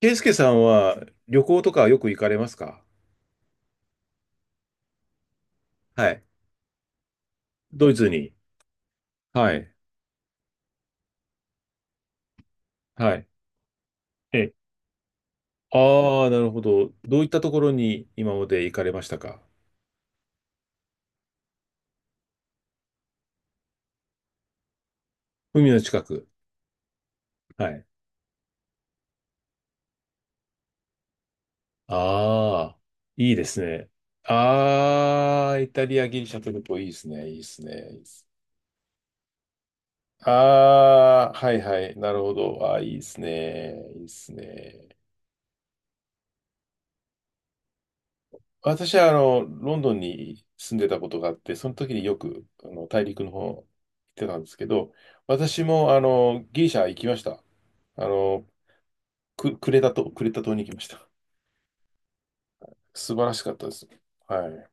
ケイスケさんは旅行とかよく行かれますか？はい。ドイツに。はい。はい。え、ああー、なるほど。どういったところに今まで行かれましたか？海の近く。はい。ああ、いいですね。ああ、イタリア、ギリシャトルコ、いいですね。いいですね。いいっすああ、はいはい。なるほど。ああ、いいですね。いいですね。私はロンドンに住んでたことがあって、その時によく大陸の方行ってたんですけど、私もギリシャ行きました。あの、クレタ島、クレタ島に行きました。素晴らしかったです。はい。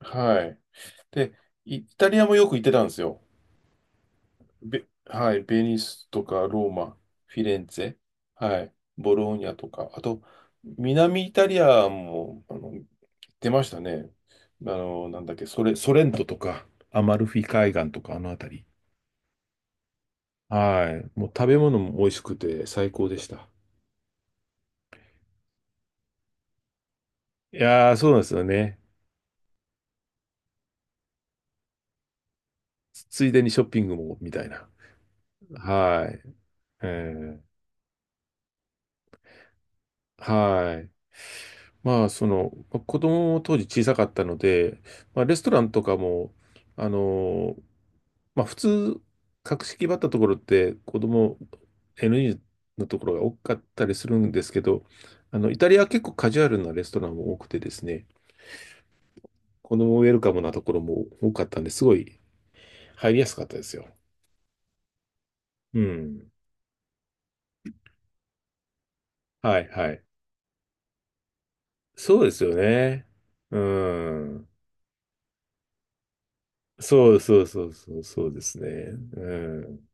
はい。で、イタリアもよく行ってたんですよ。はい、ベニスとかローマ、フィレンツェ、はい、ボローニャとか、あと、南イタリアも、出ましたね。なんだっけ、ソレントとか、アマルフィ海岸とか、あの辺り。はい。もう食べ物も美味しくて最高でした。いやー、そうなんですよね。ついでにショッピングも、みたいな。はい。えー、はい。まあ、その、まあ子供も当時小さかったので、まあ、レストランとかも、あのーまあ普通、格式ばったところって子供 n 0のところが多かったりするんですけど、イタリアは結構カジュアルなレストランも多くてですね、子供ウェルカムなところも多かったんで、すごい入りやすかったですよ。うん。はいはい。そうですよね。うん。そうそうそうそう、そうですね。うん。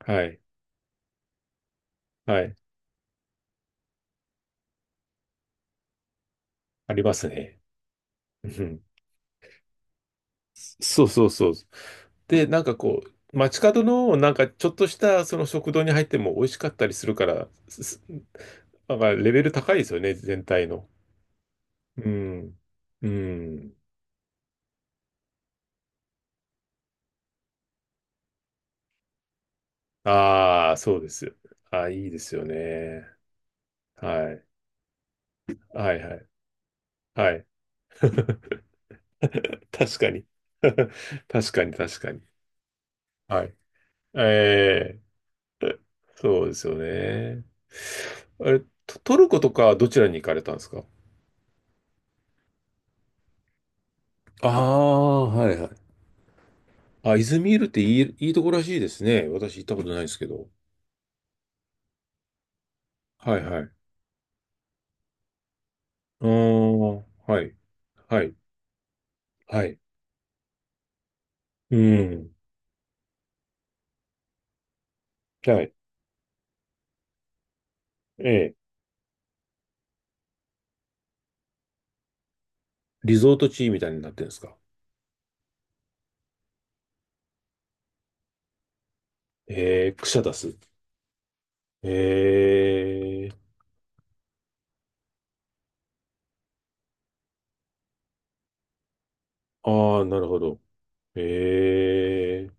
はい。はい。ありますね。うんそうそうそう。で、なんかこう、街角のなんかちょっとしたその食堂に入っても美味しかったりするから、なんかレベル高いですよね、全体の。うん。うん。ああ、そうです。ああ、いいですよね。はい。はいはい。はい。確かに。確かに確かに。はい。ええ、そうですよね。あれ、トルコとかはどちらに行かれたんですか？ああ、はいはい。あ、イズミールっていいとこらしいですね。私行ったことないですけど。はいはい。ああ、はい。はい。はい。うん。はい。ええ。リゾート地みたいになってるんですか？ええ、クシャダス。ええ。ああ、なるほど。ええ。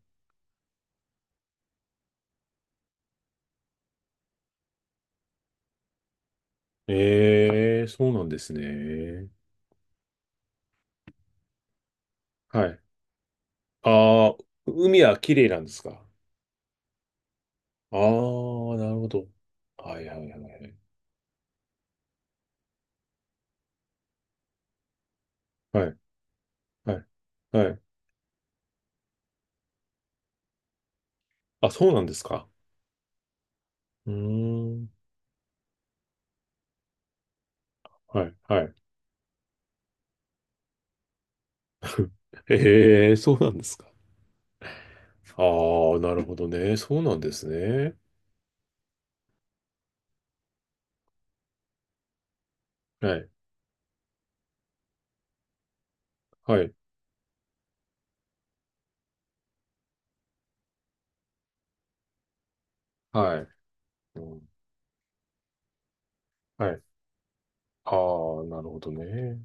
ええ、そうなんですね。はい。ああ、海は綺麗なんですか？ああ、なるほど。はいはいはいはい。はい。はい。はい。あ、そうなんですか？うーん。はい、はい。ええ、そうなんですか？ああ、なるほどね。そうなんですね。はい、はい、はい。うんはい。ああ、なるほどね。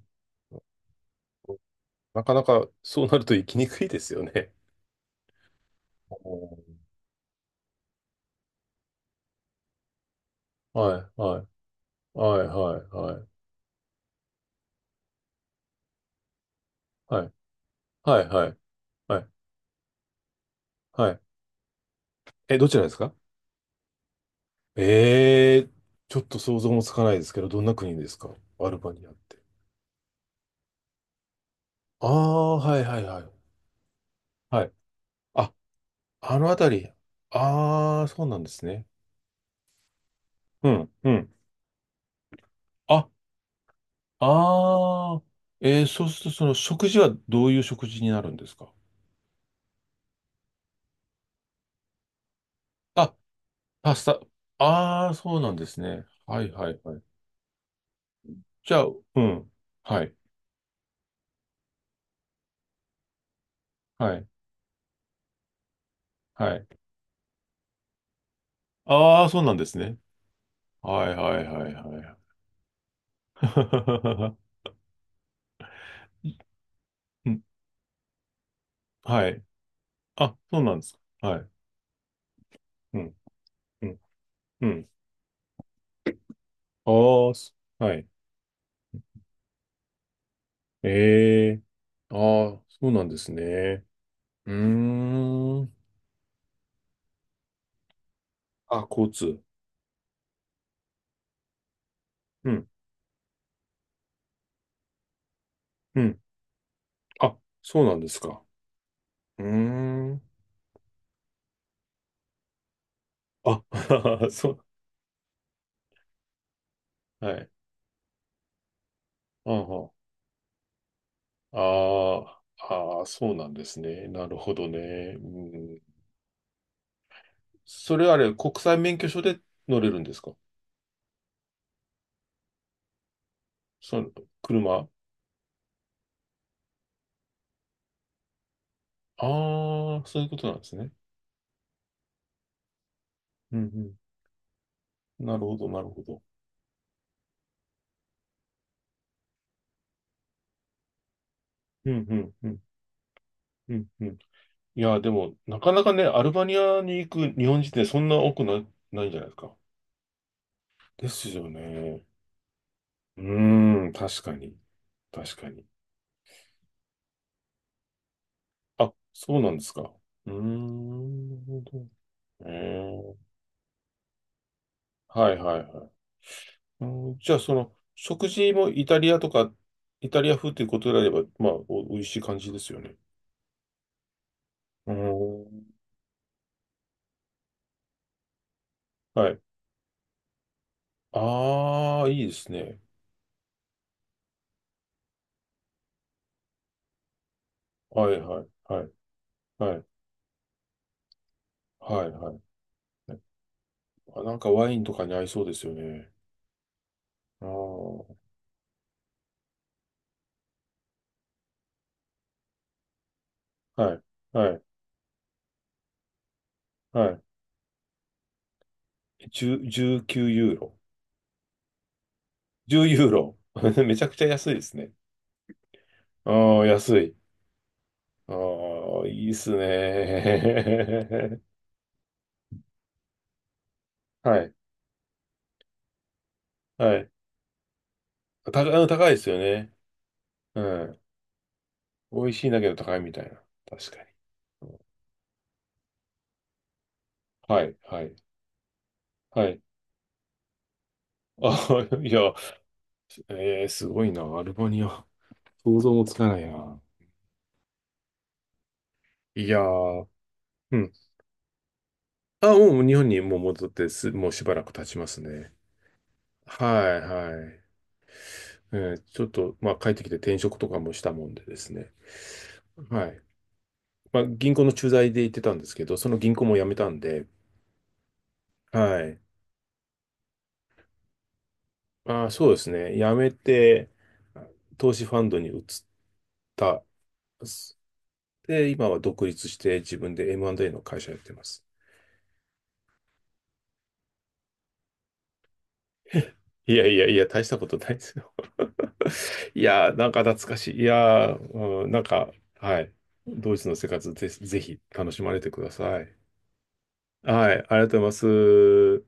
なかなかそうなると生きにくいですよね。おーはい、はい、はい、はい、はい、はい、はい、はい、はい。はいえ、どちらですか？ええー、ちょっと想像もつかないですけど、どんな国ですか？アルバニアって。ああ、はい、はい、はい。はい。あ、あのあたり。ああ、そうなんですね。うん、うん。あ、ああ、そうすると、その食事はどういう食事になるんですか？あ、パスタ。ああ、そうなんですね。はい、はい、はい。じゃあ、うん。はい、はい、はい。ああ、そうなんですね。はい、はい、はい、はい。うんはい。あ、そうなんですか？はい。うん、うん、うん。ああ、はい。ええ。ああ、そうなんですね。うーん。あ、交通。うん。うん。あ、そうなんですか？うーん。あ、そう。はい。あはあーあー、そうなんですね。なるほどね。うん。それあれ、国際免許証で乗れるんですか？その、車。ああ、そういうことなんですね。うんうん。なるほど、なるほど。うんうんうんうんうん。いや、でも、なかなかね、アルバニアに行く日本人ってそんな多くな、ないんじゃないですか？ですよね。うーん、確かに。確かに。あ、そうなんですか？うーん、なるほど。えー、はいはいはい。うん、じゃあ、その、食事もイタリアとか、イタリア風ということであれば、まあ、美味しい感じですよね。うーん、はい。ああ、いいですね。はいはいはいはい。はいはい。あ、なんかワインとかに合いそうですよね。ああ、はいはいはい。10、19ユーロ。10ユーロ。めちゃくちゃ安いですね。ああ、安い。ああ、いいっすね。はい。はい。高いですよね。うん。美味しいんだけど高いみたいな。確かに。はい、はい、はい。あ、いや、えー、すごいな。アルバニア。想像もつかないな。いやー、うん。あ、もう日本にもう戻ってもうしばらく経ちますね。はい、はい。ちょっと、まあ、帰ってきて転職とかもしたもんでですね。はい。まあ、銀行の駐在で行ってたんですけど、その銀行も辞めたんで、はい。ああ、そうですね。辞めて、投資ファンドに移った。で、今は独立して自分で M&A の会社やってます。いやいやいや、大したことないですよ。いやー、なんか懐かしい。いやー、うん、なんか、はい。ドイツの生活ぜひ楽しまれてください。はい、ありがとうございます。